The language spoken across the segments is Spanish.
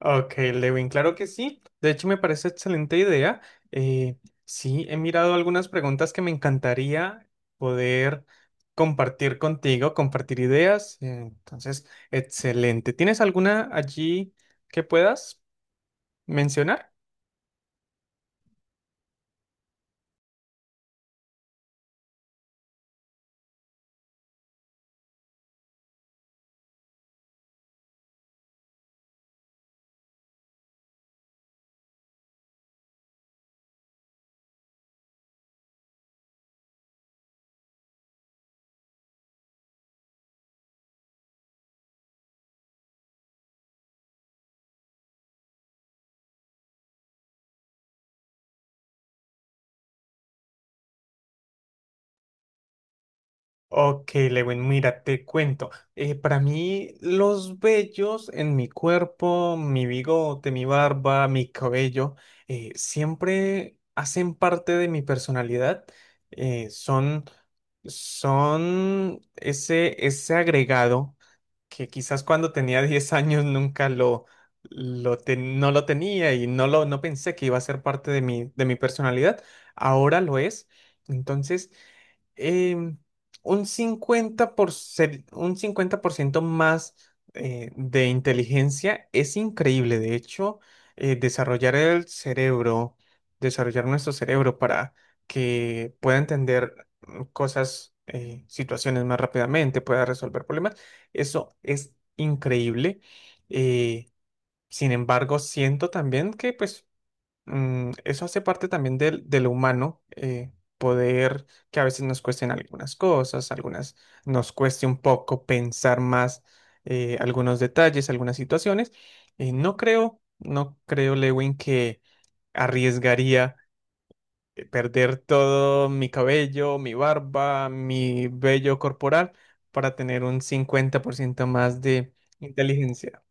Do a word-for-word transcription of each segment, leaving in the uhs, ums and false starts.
Ok, Lewin, claro que sí. De hecho, me parece excelente idea. Eh, sí, he mirado algunas preguntas que me encantaría poder compartir contigo, compartir ideas. eh, Entonces, excelente. ¿Tienes alguna allí que puedas mencionar? Ok, Lewin, mira, te cuento. Eh, para mí, los vellos en mi cuerpo, mi bigote, mi barba, mi cabello, eh, siempre hacen parte de mi personalidad. Eh, son, son ese, ese agregado que quizás cuando tenía diez años nunca lo, lo ten- no lo tenía y no lo, no pensé que iba a ser parte de mi, de mi personalidad. Ahora lo es. Entonces, em, un cincuenta por ser- un cincuenta por ciento más eh, de inteligencia es increíble. De hecho, eh, desarrollar el cerebro, desarrollar nuestro cerebro para que pueda entender mm, cosas, eh, situaciones más rápidamente, pueda resolver problemas, eso es increíble. Eh, Sin embargo, siento también que pues Mm, eso hace parte también del, de lo humano, eh, poder que a veces nos cuesten algunas cosas, algunas nos cueste un poco pensar más eh, algunos detalles, algunas situaciones. Eh, no creo, no creo, Lewin, que arriesgaría eh, perder todo mi cabello, mi barba, mi vello corporal para tener un cincuenta por ciento más de inteligencia.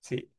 Sí.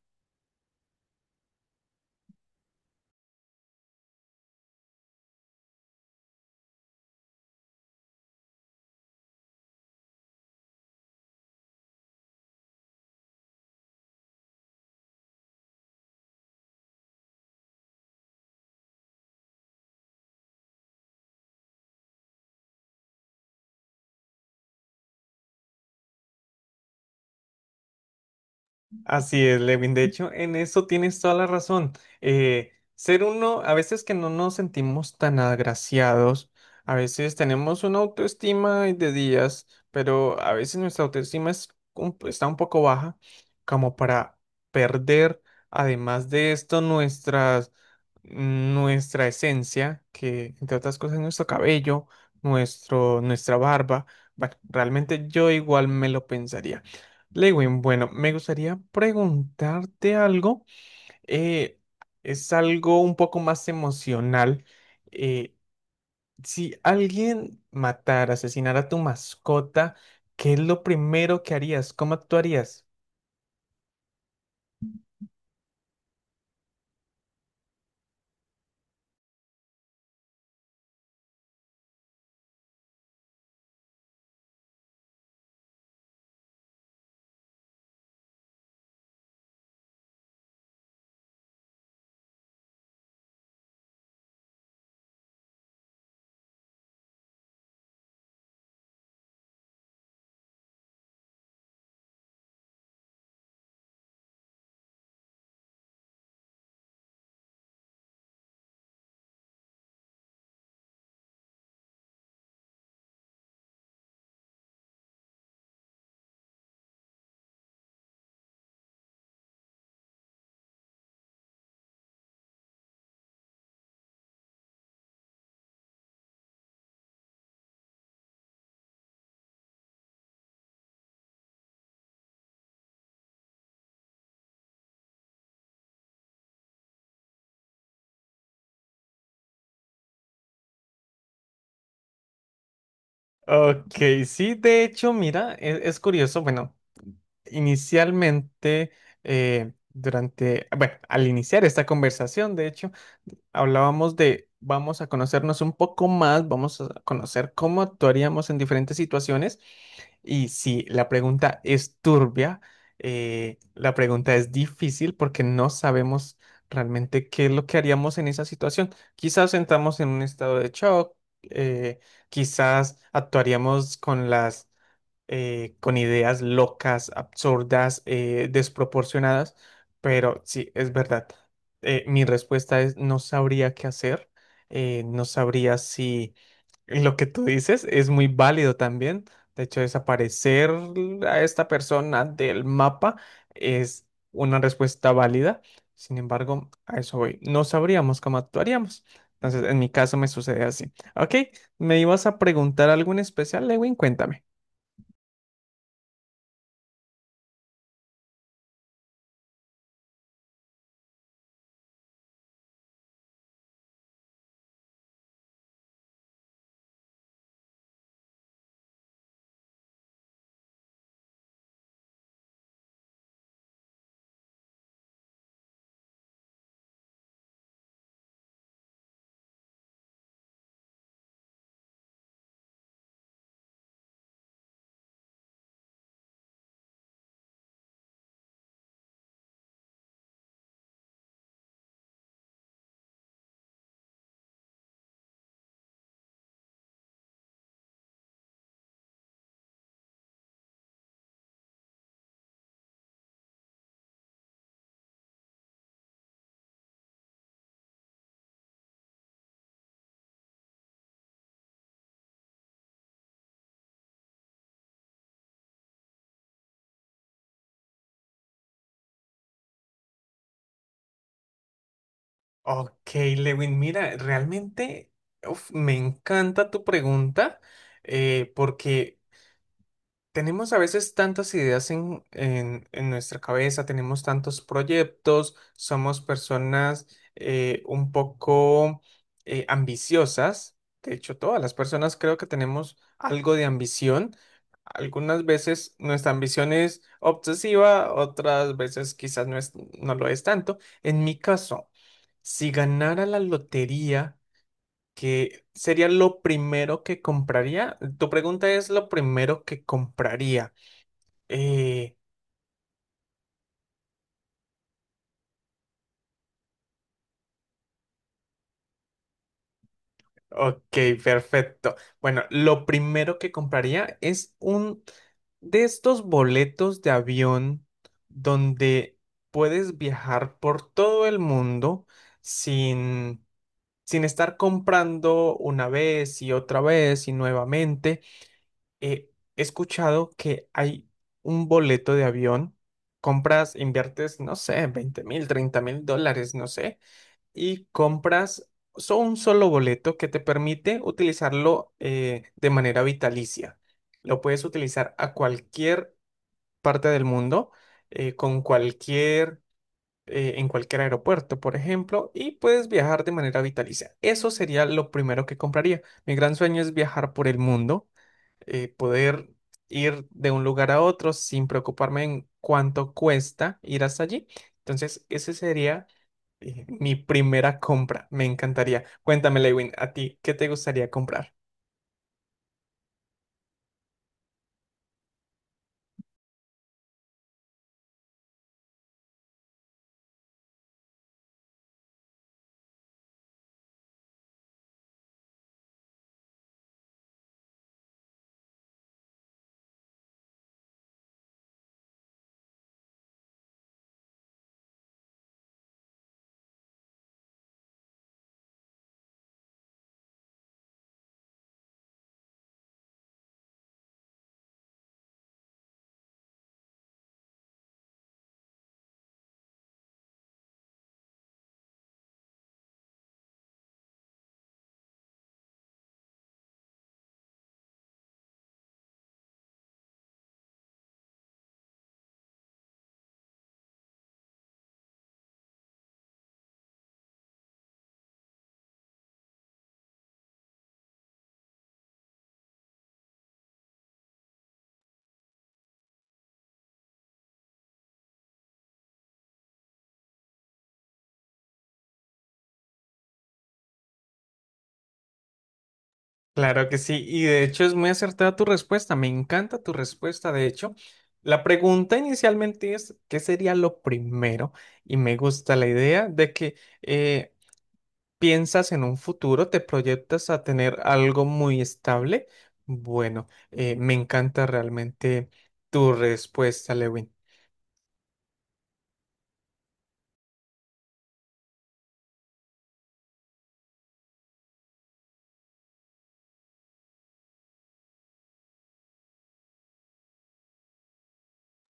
Así es, Lewin. De hecho, en eso tienes toda la razón. Eh, ser uno, a veces que no nos sentimos tan agraciados, a veces tenemos una autoestima de días, pero a veces nuestra autoestima es un- está un poco baja, como para perder, además de esto, nuestras, nuestra esencia, que entre otras cosas es nuestro cabello, nuestro, nuestra barba. Bueno, realmente yo igual me lo pensaría. Lewin, bueno, me gustaría preguntarte algo. eh, es algo un poco más emocional. eh, si alguien matara, asesinara a tu mascota, ¿qué es lo primero que harías? ¿Cómo actuarías? Ok, sí, de hecho, mira, e- es curioso. Bueno, inicialmente, eh, durante, bueno, al iniciar esta conversación, de hecho, hablábamos de vamos a conocernos un poco más, vamos a conocer cómo actuaríamos en diferentes situaciones y si la pregunta es turbia, eh, la pregunta es difícil porque no sabemos realmente qué es lo que haríamos en esa situación. Quizás entramos en un estado de shock, eh, quizás actuaríamos con las eh, con ideas locas, absurdas, eh, desproporcionadas, pero sí, es verdad. Eh, mi respuesta es no sabría qué hacer, eh, no sabría si lo que tú dices es muy válido también. De hecho, desaparecer a esta persona del mapa es una respuesta válida. Sin embargo, a eso voy. No sabríamos cómo actuaríamos. Entonces, en mi caso me sucede así. Ok, ¿me ibas a preguntar algo en especial, Lewin? Cuéntame. Ok, Lewin, mira, realmente uf, me encanta tu pregunta eh, porque tenemos a veces tantas ideas en, en- en nuestra cabeza, tenemos tantos proyectos, somos personas eh, un poco eh, ambiciosas. De hecho, todas las personas creo que tenemos algo de ambición. Algunas veces nuestra ambición es obsesiva, otras veces quizás no es- no lo es tanto. En mi caso, si ganara la lotería, ¿qué sería lo primero que compraría? Tu pregunta es lo primero que compraría. Eh, ok, perfecto. Bueno, lo primero que compraría es un de estos boletos de avión donde puedes viajar por todo el mundo sin, sin estar comprando una vez y otra vez y nuevamente. Eh, he escuchado que hay un boleto de avión, compras, inviertes, no sé, veinte mil, treinta mil dólares, no sé y compras so- un solo boleto que te permite utilizarlo eh, de manera vitalicia. Lo puedes utilizar a cualquier parte del mundo, eh, con cualquier, eh, en cualquier aeropuerto, por ejemplo, y puedes viajar de manera vitalicia. Eso sería lo primero que compraría. Mi gran sueño es viajar por el mundo eh, poder ir de un lugar a otro sin preocuparme en cuánto cuesta ir hasta allí. Entonces, ese sería eh, mi primera compra. Me encantaría. Cuéntame, Lewin, ¿a ti qué te gustaría comprar? Claro que sí, y de hecho es muy acertada tu respuesta, me encanta tu respuesta, de hecho. La pregunta inicialmente es, ¿qué sería lo primero? Y me gusta la idea de que eh, piensas en un futuro, te proyectas a tener algo muy estable. Bueno, eh, me encanta realmente tu respuesta, Lewin.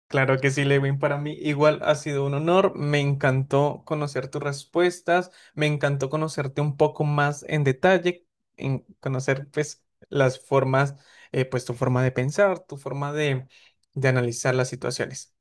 Claro que sí, Lewin, para mí igual ha sido un honor. Me encantó conocer tus respuestas, me encantó conocerte un poco más en detalle, en conocer pues las formas, eh, pues tu forma de pensar, tu forma de, de analizar las situaciones.